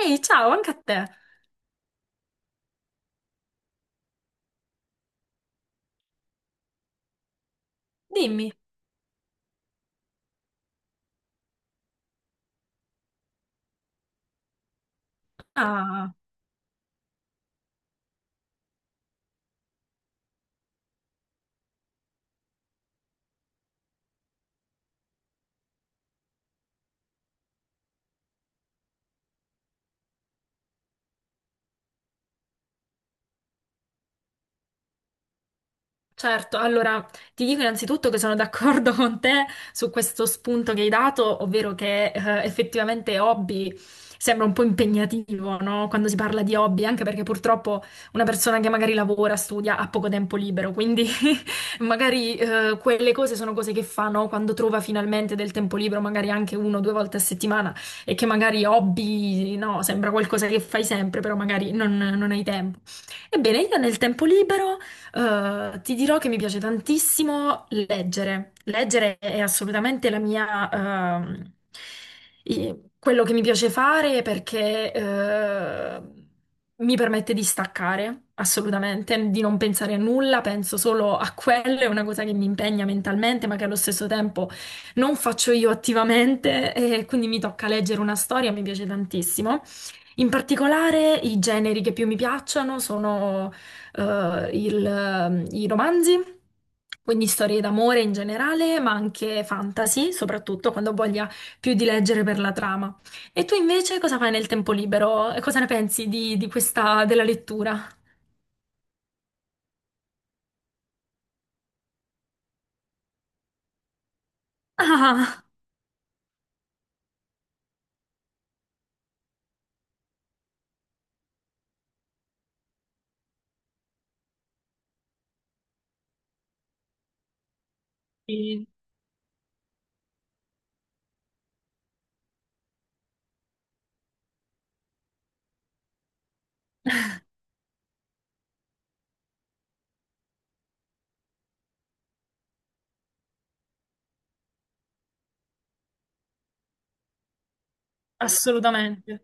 Ehi, ciao, anche a te. Dimmi. Ah, certo, allora ti dico innanzitutto che sono d'accordo con te su questo spunto che hai dato, ovvero che effettivamente hobby sembra un po' impegnativo, no? Quando si parla di hobby, anche perché purtroppo una persona che magari lavora, studia, ha poco tempo libero, quindi magari quelle cose sono cose che fa, no? Quando trova finalmente del tempo libero, magari anche uno o due volte a settimana, e che magari hobby, no, sembra qualcosa che fai sempre, però magari non hai tempo. Ebbene, io nel tempo libero. Ti dirò che mi piace tantissimo leggere. Leggere è assolutamente la mia, quello che mi piace fare perché, mi permette di staccare, assolutamente, di non pensare a nulla, penso solo a quello, è una cosa che mi impegna mentalmente, ma che allo stesso tempo non faccio io attivamente, e quindi mi tocca leggere una storia, mi piace tantissimo. In particolare i generi che più mi piacciono sono i romanzi, quindi storie d'amore in generale, ma anche fantasy, soprattutto quando ho voglia più di leggere per la trama. E tu invece cosa fai nel tempo libero? E cosa ne pensi di questa, della lettura? Ah, sì, assolutamente.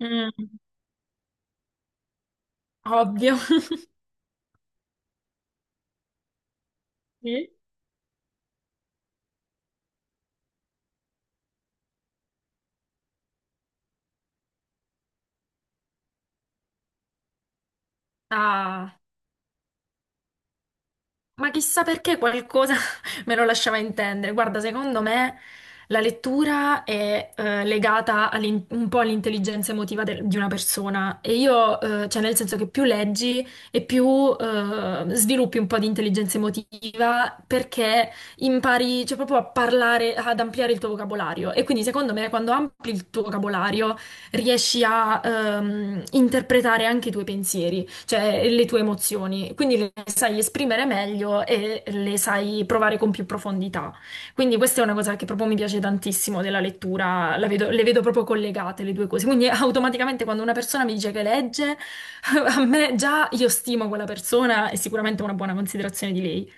Mm, ovvio. Sì? Ah. Ma chissà perché qualcosa me lo lasciava intendere. Guarda, secondo me la lettura è legata un po' all'intelligenza emotiva di una persona e io, cioè nel senso che più leggi e più sviluppi un po' di intelligenza emotiva perché impari, cioè, proprio a parlare, ad ampliare il tuo vocabolario. E quindi secondo me quando ampli il tuo vocabolario riesci a interpretare anche i tuoi pensieri, cioè le tue emozioni, quindi le sai esprimere meglio e le sai provare con più profondità. Quindi questa è una cosa che proprio mi piace tantissimo della lettura, le vedo proprio collegate le due cose. Quindi automaticamente quando una persona mi dice che legge, a me già io stimo quella persona e sicuramente ho una buona considerazione di lei.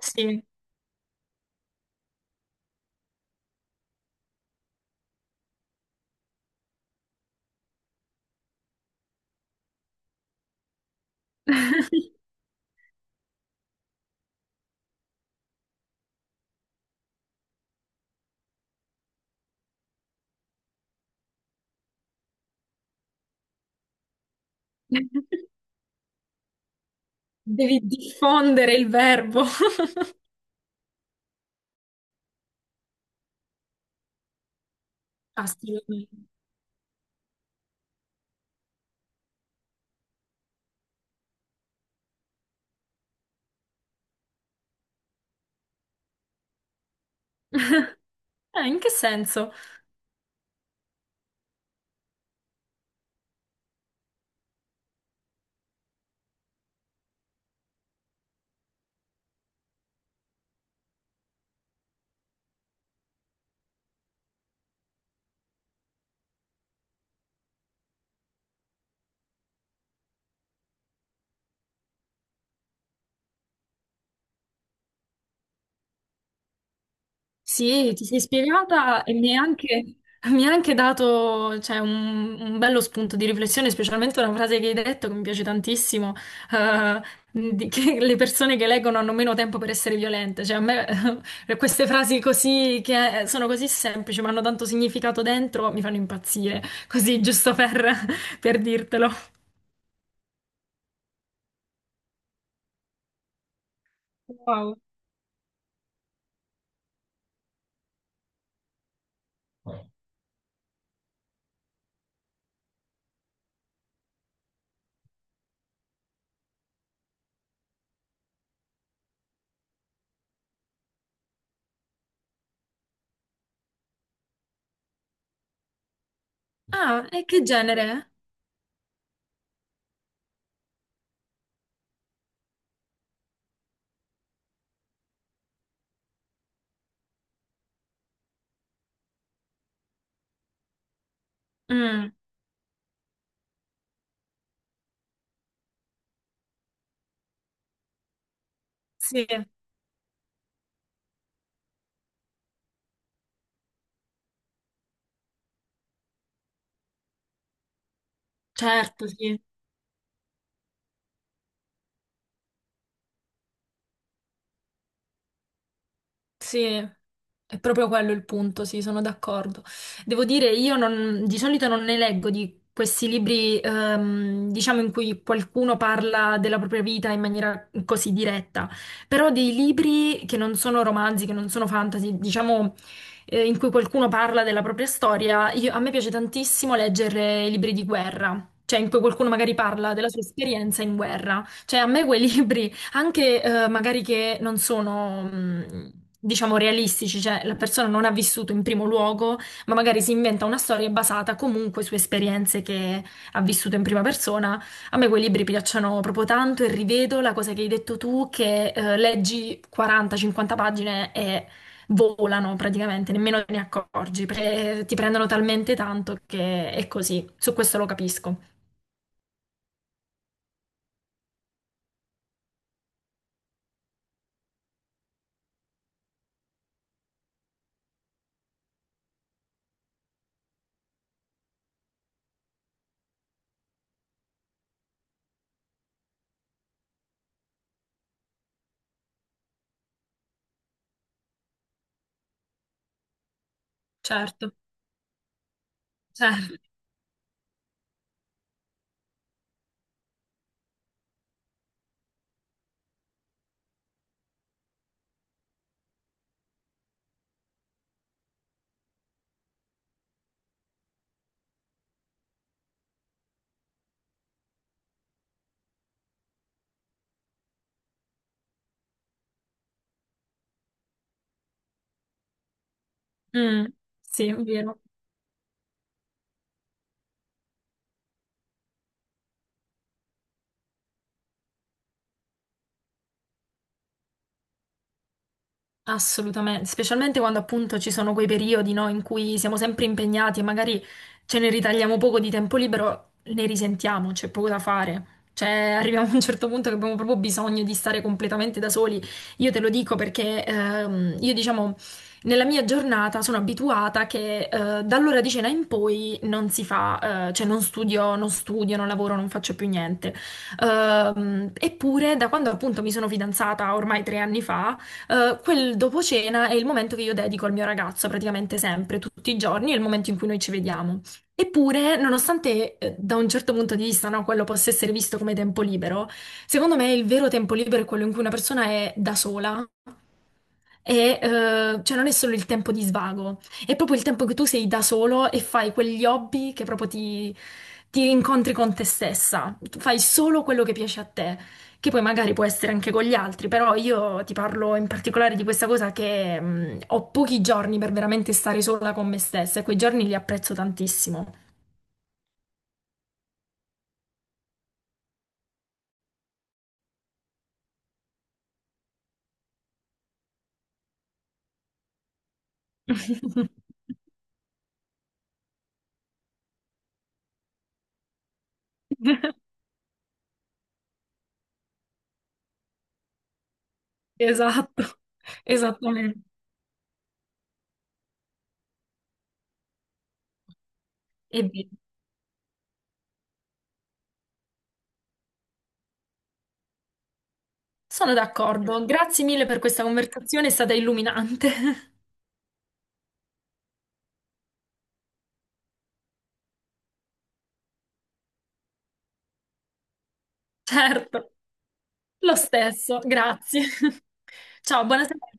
Sì. Devi diffondere il verbo. Assolutamente. In che senso? Sì, ti sei spiegata e mi hai anche dato, cioè, un bello spunto di riflessione, specialmente una frase che hai detto che mi piace tantissimo, eh, che le persone che leggono hanno meno tempo per essere violente. Cioè, a me queste frasi così, che sono così semplici, ma hanno tanto significato dentro, mi fanno impazzire. Così, giusto per dirtelo. Wow. Ah, e che genere? Mm, sì, certo, sì. Sì, è proprio quello il punto, sì, sono d'accordo. Devo dire, io non- di solito non ne leggo di questi libri, diciamo, in cui qualcuno parla della propria vita in maniera così diretta, però dei libri che non sono romanzi, che non sono fantasy, diciamo, in cui qualcuno parla della propria storia, a me piace tantissimo leggere i libri di guerra. Cioè, in cui qualcuno magari parla della sua esperienza in guerra. Cioè, a me quei libri anche magari che non sono, diciamo, realistici, cioè la persona non ha vissuto in primo luogo, ma magari si inventa una storia basata comunque su esperienze che ha vissuto in prima persona. A me quei libri piacciono proprio tanto e rivedo la cosa che hai detto tu, che leggi 40-50 pagine e volano praticamente, nemmeno te ne accorgi, ti prendono talmente tanto che è così. Su questo lo capisco. Certo, certo. Mm, sì, è vero. Assolutamente, specialmente quando appunto ci sono quei periodi, no, in cui siamo sempre impegnati e magari ce ne ritagliamo poco di tempo libero, ne risentiamo, c'è poco da fare. Cioè, arriviamo a un certo punto che abbiamo proprio bisogno di stare completamente da soli. Io te lo dico perché io, diciamo, nella mia giornata sono abituata che dall'ora di cena in poi non si fa, cioè non studio, non lavoro, non faccio più niente. Eppure, da quando appunto mi sono fidanzata ormai 3 anni fa, quel dopo cena è il momento che io dedico al mio ragazzo praticamente sempre, tutti i giorni, è il momento in cui noi ci vediamo. Eppure, nonostante da un certo punto di vista, no, quello possa essere visto come tempo libero, secondo me il vero tempo libero è quello in cui una persona è da sola cioè non è solo il tempo di svago, è proprio il tempo che tu sei da solo e fai quegli hobby che proprio ti incontri con te stessa. Tu fai solo quello che piace a te, che poi magari può essere anche con gli altri, però io ti parlo in particolare di questa cosa che ho pochi giorni per veramente stare sola con me stessa e quei giorni li apprezzo tantissimo. Esatto, esattamente. E via. Sono d'accordo. Grazie mille per questa conversazione, è stata illuminante. Certo, lo stesso, grazie. Ciao, buona serata.